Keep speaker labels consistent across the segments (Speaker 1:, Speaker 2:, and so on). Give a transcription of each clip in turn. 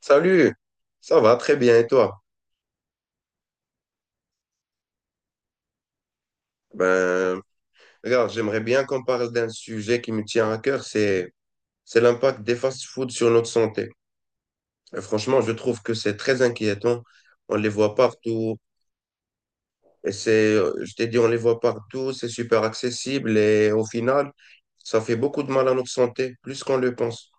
Speaker 1: Salut, ça va très bien et toi? Ben, regarde, j'aimerais bien qu'on parle d'un sujet qui me tient à cœur, c'est l'impact des fast-foods sur notre santé. Et franchement, je trouve que c'est très inquiétant. On les voit partout et c'est, je t'ai dit, on les voit partout, c'est super accessible et au final, ça fait beaucoup de mal à notre santé, plus qu'on le pense.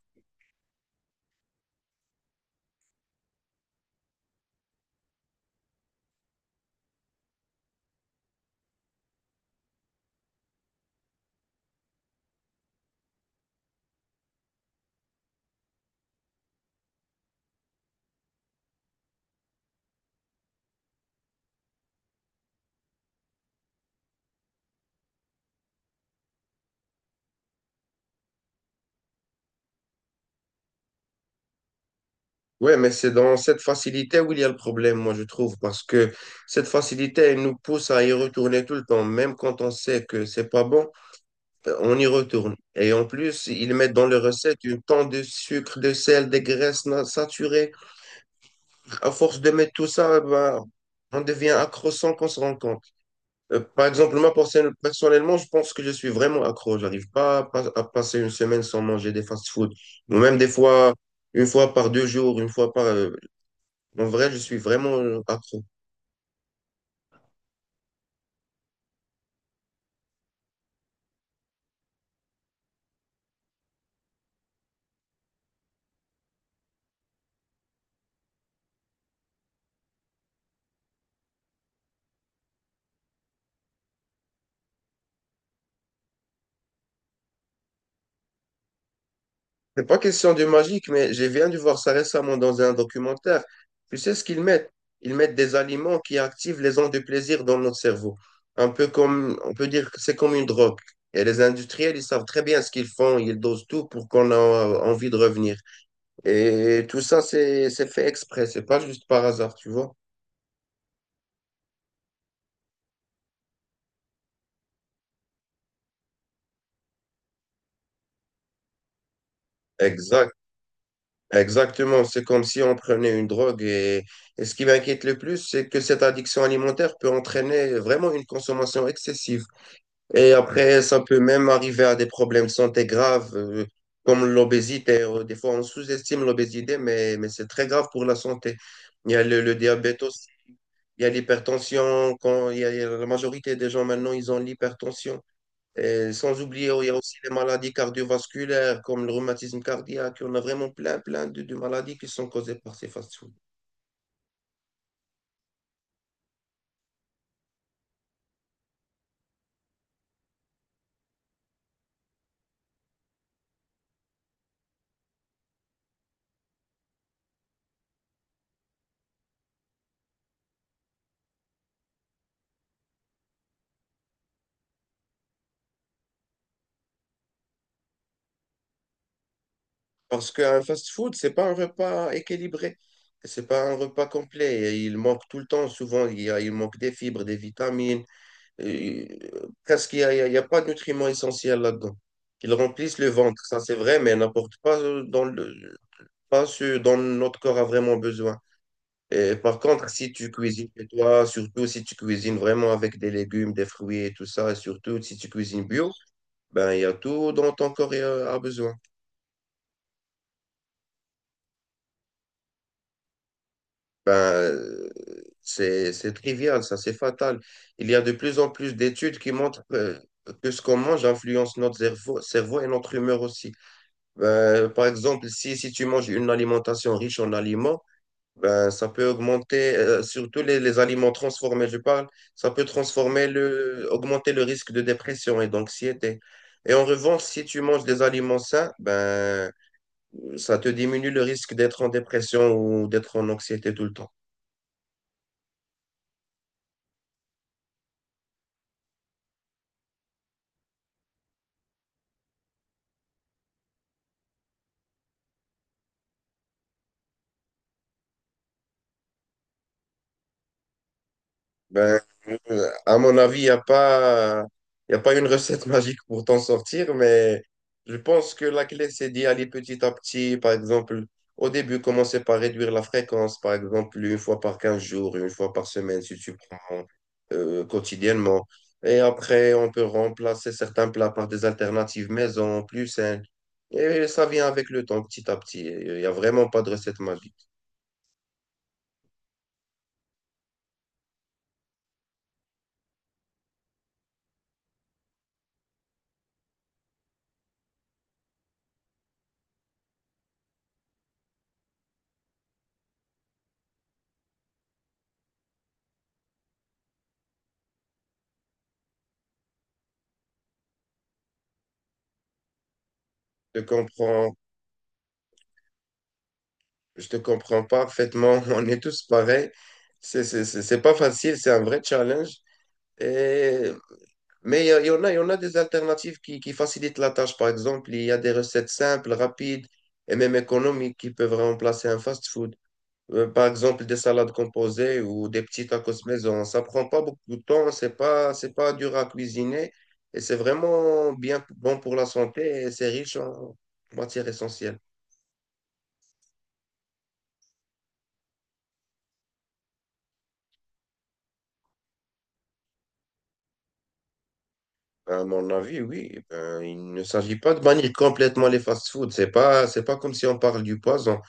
Speaker 1: Ouais, mais c'est dans cette facilité où il y a le problème, moi je trouve, parce que cette facilité, elle nous pousse à y retourner tout le temps, même quand on sait que c'est pas bon. On y retourne. Et en plus, ils mettent dans les recettes une tonne de sucre, de sel, des graisses saturées. À force de mettre tout ça, ben, on devient accro sans qu'on se rende compte. Par exemple, moi, personnellement, je pense que je suis vraiment accro. J'arrive pas à, à passer une semaine sans manger des fast-food. Ou même des fois, une fois par 2 jours, En vrai, je suis vraiment accro. C'est pas question de magique, mais j'ai viens de voir ça récemment dans un documentaire. Tu sais ce qu'ils mettent? Ils mettent des aliments qui activent les ondes de plaisir dans notre cerveau. Un peu comme, on peut dire que c'est comme une drogue. Et les industriels, ils savent très bien ce qu'ils font. Ils dosent tout pour qu'on a envie de revenir. Et tout ça, c'est fait exprès. C'est pas juste par hasard, tu vois. Exact. Exactement. C'est comme si on prenait une drogue. Et ce qui m'inquiète le plus, c'est que cette addiction alimentaire peut entraîner vraiment une consommation excessive. Et après, ça peut même arriver à des problèmes de santé graves, comme l'obésité. Des fois, on sous-estime l'obésité, mais c'est très grave pour la santé. Il y a le diabète aussi, il y a l'hypertension. Quand il y a la majorité des gens maintenant, ils ont l'hypertension. Et sans oublier, il y a aussi les maladies cardiovasculaires, comme le rhumatisme cardiaque. On a vraiment plein, de maladies qui sont causées par ces fast-foods. Parce qu'un fast-food, c'est pas un repas équilibré. C'est pas un repas complet. Et il manque tout le temps, souvent, il manque des fibres, des vitamines. euh, Presque, il y a pas de nutriments essentiels là-dedans. Ils remplissent le ventre, ça c'est vrai, mais n'apportent pas, pas ce dont notre corps a vraiment besoin. Et par contre, si tu cuisines chez toi, surtout si tu cuisines vraiment avec des légumes, des fruits et tout ça, et surtout si tu cuisines bio, ben, il y a tout dont ton corps a besoin. Ben, c'est trivial, ça, c'est fatal. Il y a de plus en plus d'études qui montrent que ce qu'on mange influence notre cerveau, cerveau et notre humeur aussi. Ben, par exemple, si tu manges une alimentation riche en aliments, ben, ça peut augmenter, surtout les aliments transformés, je parle, ça peut transformer le, augmenter le risque de dépression et d'anxiété. Et en revanche, si tu manges des aliments sains, ben, ça te diminue le risque d'être en dépression ou d'être en anxiété tout le temps. Ben, à mon avis, il a pas une recette magique pour t'en sortir, mais je pense que la clé, c'est d'y aller petit à petit. Par exemple, au début, commencer par réduire la fréquence, par exemple, une fois par 15 jours, une fois par semaine, si tu prends quotidiennement. Et après, on peut remplacer certains plats par des alternatives maison, plus saines. Et ça vient avec le temps, petit à petit. Il n'y a vraiment pas de recette magique. Je comprends, je te comprends parfaitement. On est tous pareils. C'est pas facile, c'est un vrai challenge. Et- mais il y en a des alternatives qui facilitent la tâche. Par exemple, il y a des recettes simples, rapides et même économiques qui peuvent remplacer un fast-food. Par exemple, des salades composées ou des petits tacos maison. Ça prend pas beaucoup de temps, c'est pas dur à cuisiner et c'est vraiment bien bon pour la santé et c'est riche en matières essentielles. Ben, à mon avis, oui. Ben, il ne s'agit pas de bannir complètement les fast-foods. C'est pas comme si on parle du poison.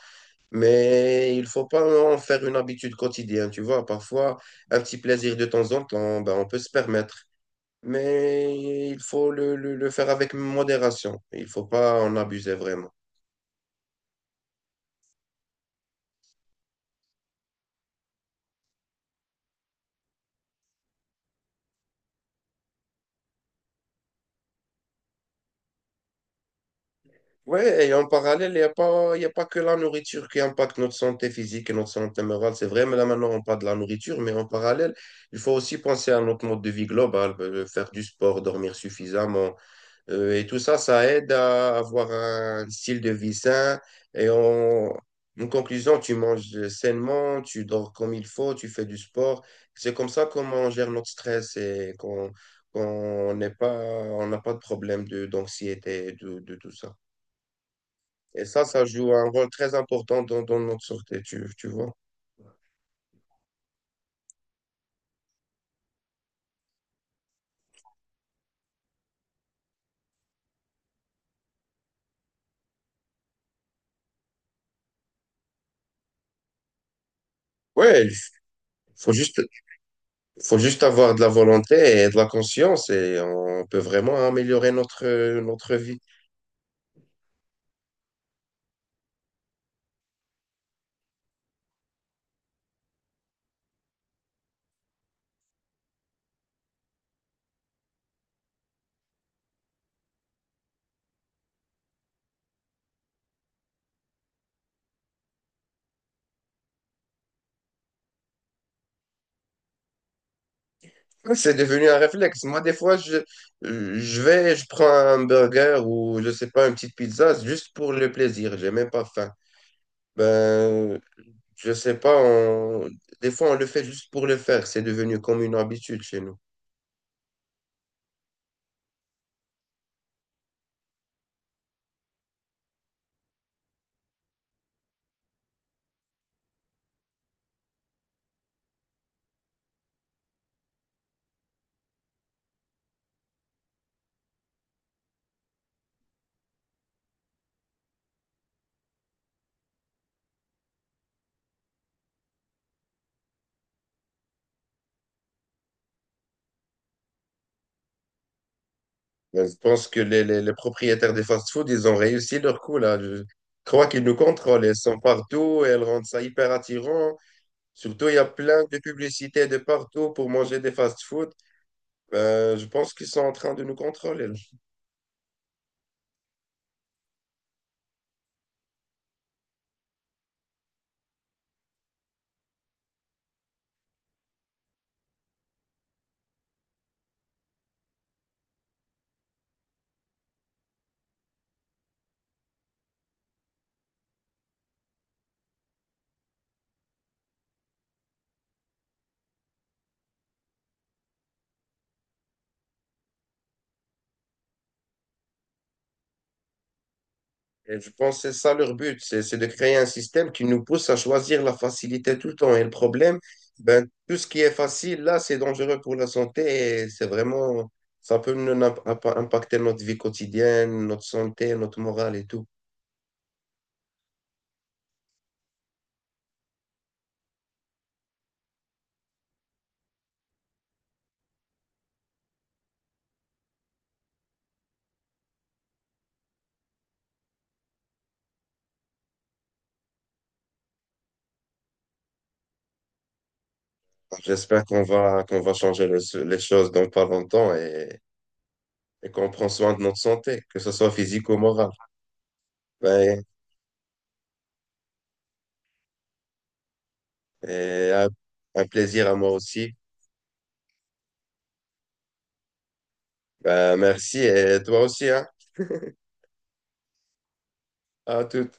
Speaker 1: Mais il faut pas en faire une habitude quotidienne, tu vois. Parfois, un petit plaisir de temps en temps, ben, on peut se permettre. Mais il faut le faire avec modération. Il faut pas en abuser vraiment. Ouais, et en parallèle, il y a pas que la nourriture qui impacte notre santé physique et notre santé morale. C'est vrai, mais là maintenant, on parle de la nourriture, mais en parallèle, il faut aussi penser à notre mode de vie global, faire du sport, dormir suffisamment. Et tout ça, ça aide à avoir un style de vie sain. Et en, En conclusion, tu manges sainement, tu dors comme il faut, tu fais du sport. C'est comme ça qu'on gère notre stress et qu'on n'est pas, on n'a pas de problème d'anxiété, de tout ça. Et ça, ça joue un rôle très important dans notre sûreté, tu vois. Ouais, faut juste, faut juste avoir de la volonté et de la conscience et on peut vraiment améliorer notre, notre vie. Ouais, c'est devenu un réflexe. Moi, des fois, je prends un burger ou, je sais pas, une petite pizza juste pour le plaisir. J'ai même pas faim. Ben, je sais pas, des fois, on le fait juste pour le faire. C'est devenu comme une habitude chez nous. Ben, je pense que les propriétaires des fast-food, ils ont réussi leur coup là. Je crois qu'ils nous contrôlent. Elles sont partout et elles rendent ça hyper attirant. Surtout, il y a plein de publicités de partout pour manger des fast-food. Ben, je pense qu'ils sont en train de nous contrôler. Et je pense que c'est ça leur but, c'est de créer un système qui nous pousse à choisir la facilité tout le temps. Et le problème, ben, tout ce qui est facile, là, c'est dangereux pour la santé et c'est vraiment, ça peut nous impacter notre vie quotidienne, notre santé, notre morale et tout. J'espère qu'on va changer les choses dans pas longtemps et qu'on prend soin de notre santé, que ce soit physique ou morale. Ouais. Et un plaisir à moi aussi. Ben, merci et toi aussi, hein. À tout.